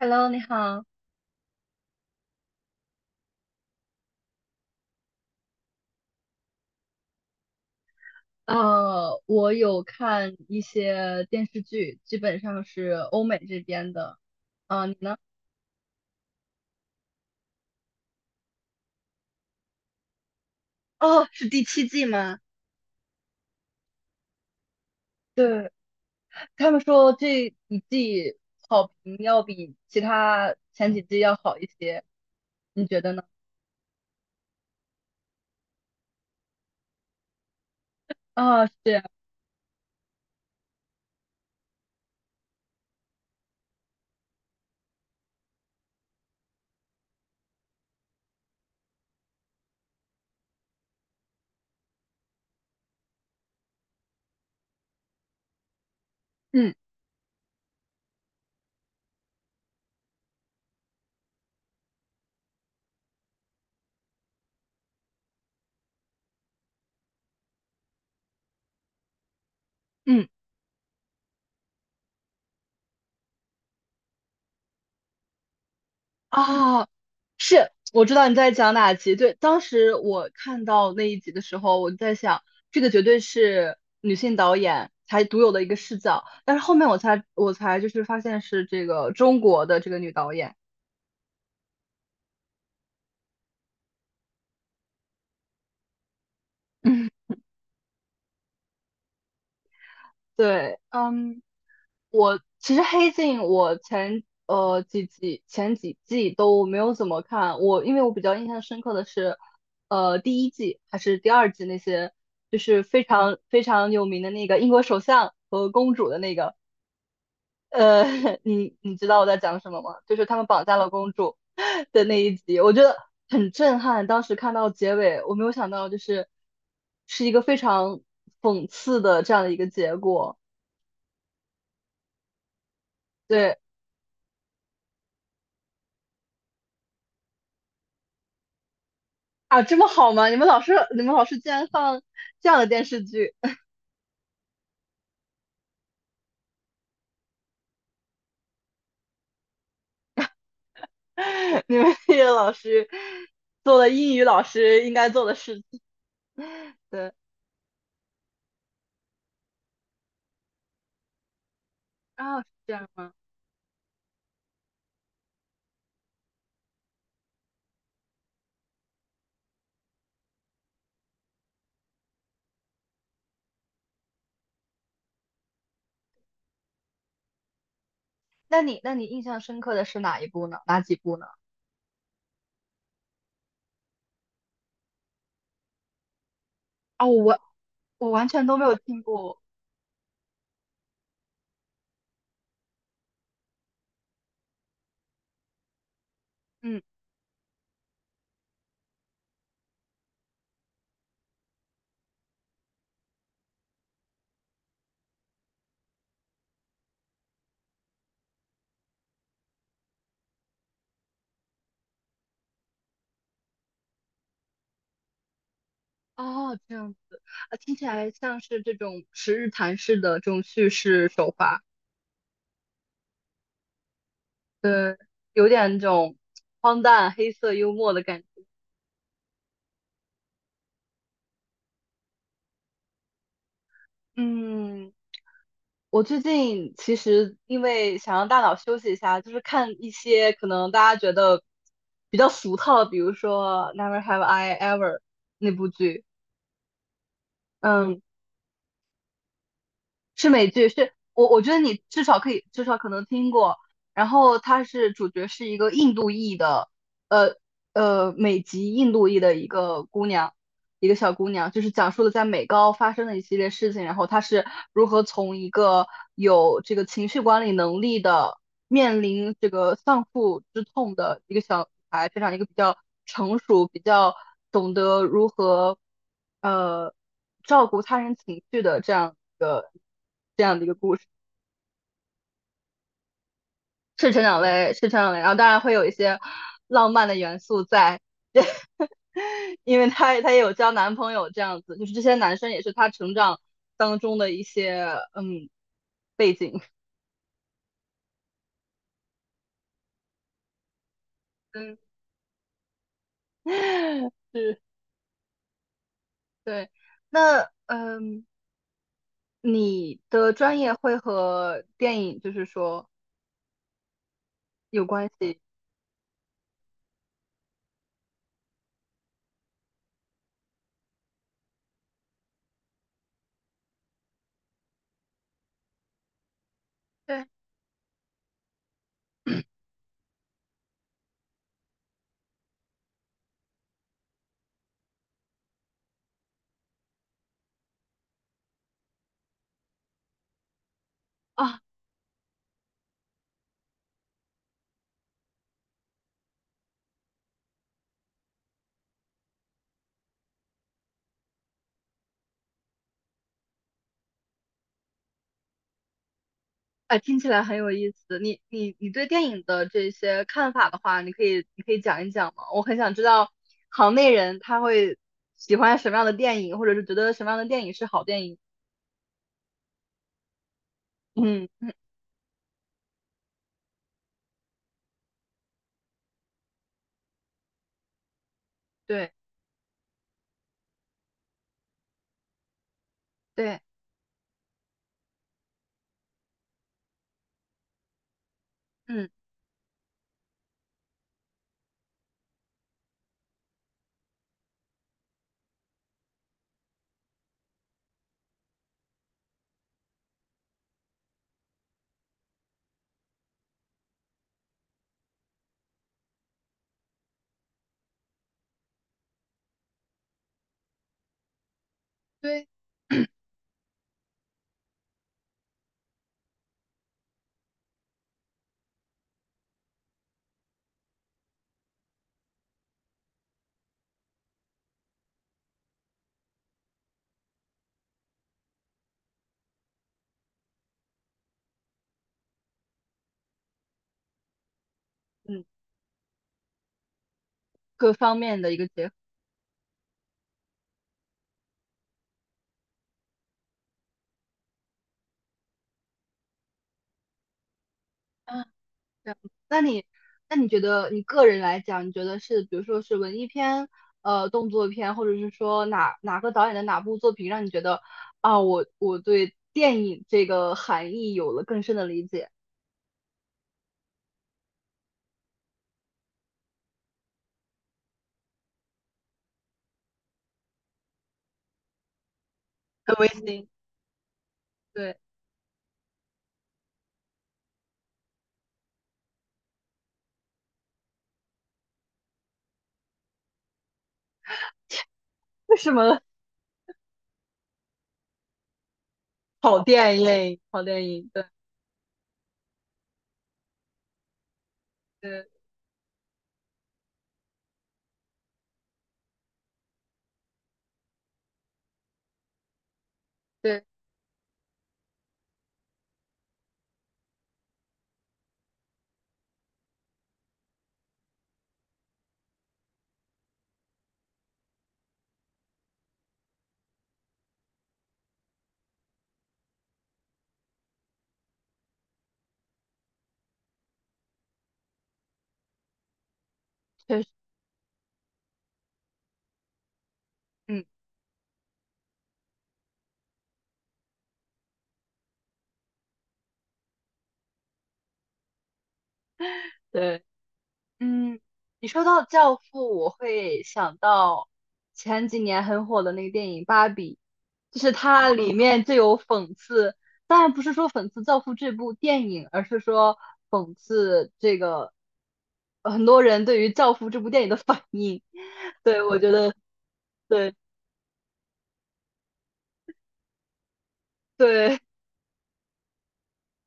Hello，你好。我有看一些电视剧，基本上是欧美这边的。啊、你呢？哦，是第七季吗？对，他们说这一季好评要比其他前几季要好一些，你觉得呢？啊、是，嗯嗯，啊。是，我知道你在讲哪集。对，当时我看到那一集的时候，我就在想，这个绝对是女性导演才独有的一个视角。但是后面我才就是发现是这个中国的这个女导演 嗯对，嗯，我其实《黑镜》我前几季都没有怎么看，因为我比较印象深刻的是，第一季还是第二季那些，就是非常非常有名的那个英国首相和公主的那个。呃，你知道我在讲什么吗？就是他们绑架了公主 的那一集，我觉得很震撼。当时看到结尾，我没有想到，就是是一个非常讽刺的这样的一个结果。对啊，这么好吗？你们老师竟然放这样的电视剧。你们这个老师做了英语老师应该做的事情。对啊，是这样吗？那你印象深刻的是哪一部呢？哪几部呢？哦，我完全都没有听过。嗯。哦，这样啊，听起来像是这种十日谈式的这种叙事手法，对，有点那种荒诞、黑色幽默的感觉。嗯，我最近其实因为想让大脑休息一下，就是看一些可能大家觉得比较俗套的，比如说《Never Have I Ever》那部剧。嗯，是美剧，是我觉得你至少可能听过。然后主角是一个印度裔的，呃美籍印度裔的一个姑娘，一个小姑娘，就是讲述了在美高发生的一系列事情，然后她是如何从一个有这个情绪管理能力的，面临这个丧父之痛的一个小女孩，变成一个比较成熟、比较懂得如何呃照顾他人情绪的这样的一个故事。是成长类，是成长类，然后当然会有一些浪漫的元素在。因为她也有交男朋友这样子，就是这些男生也是她成长当中的一些嗯背景。嗯，是，对，那你的专业会和电影就是说有关系。对，啊？哎，听起来很有意思。你对电影的这些看法的话，你可以讲一讲吗？我很想知道行内人他会喜欢什么样的电影，或者是觉得什么样的电影是好电影。嗯，对对，嗯对，嗯，各方面的一个结合。啊，这样子。那你觉得你个人来讲，你觉得是比如说是文艺片、动作片，或者是说哪个导演的哪部作品让你觉得啊，我对电影这个含义有了更深的理解？很温馨，对，为什么？ 好电影，好电影，对对对。确实。嗯，对，嗯，你说到《教父》，我会想到前几年很火的那个电影《芭比》，就是它里面就有讽刺，当然不是说讽刺《教父》这部电影，而是说讽刺这个很多人对于《教父》这部电影的反应。对，我觉得，对对。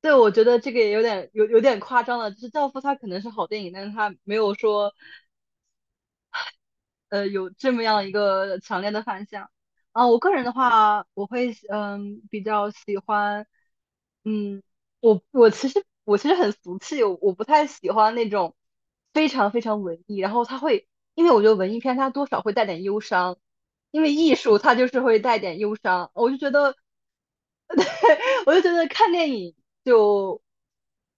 对，我觉得这个也有点夸张了。就是《教父》它可能是好电影，但是它没有说有这么样一个强烈的反响啊。我个人的话，我会比较喜欢。嗯，我其实很俗气，我不太喜欢那种非常非常文艺，然后它会，因为我觉得文艺片它多少会带点忧伤，因为艺术它就是会带点忧伤，我就觉得 我就觉得看电影就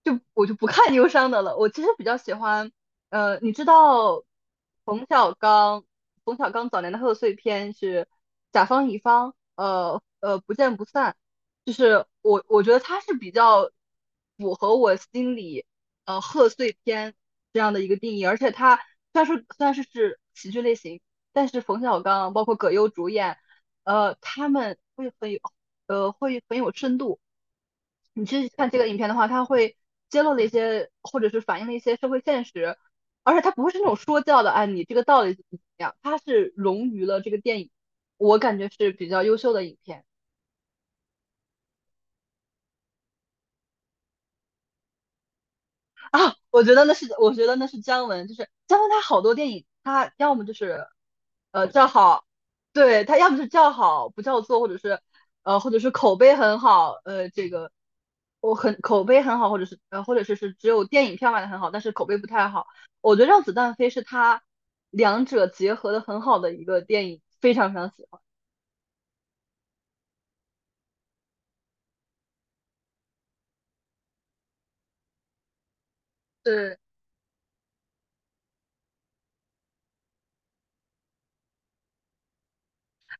我就不看忧伤的了。我其实比较喜欢，呃，你知道冯小刚，冯小刚早年的贺岁片是《甲方乙方》，不见不散。就是我觉得它是比较符合我心里贺岁片这样的一个定义，而且它虽然说是喜剧类型，但是冯小刚包括葛优主演。他们会很有，会很有深度。你去看这个影片的话，它会揭露了一些，或者是反映了一些社会现实，而且它不是那种说教的。哎，你这个道理怎么怎么样，它是融于了这个电影，我感觉是比较优秀的影片。啊，我觉得那是姜文，就是姜文他好多电影，他要么就是，叫好，对，他要么是叫好不叫座，或者是口碑很好，这个口碑很好，或者是只有电影票卖的很好，但是口碑不太好。我觉得《让子弹飞》是他两者结合的很好的一个电影，非常非常喜欢。对，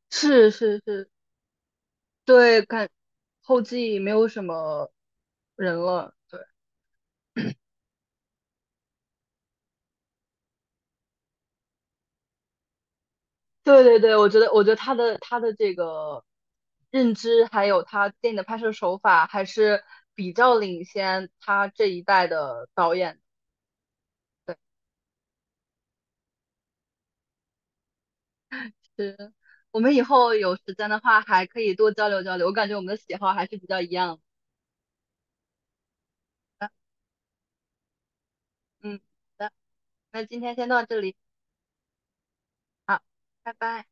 是是是，对，后继没有什么人了。对。对对对，我觉得他的这个认知，还有他电影的拍摄手法，还是比较领先他这一代的导演。对，是我们以后有时间的话，还可以多交流交流。我感觉我们的喜好还是比较一样的。嗯，好的，那今天先到这里，好，拜拜。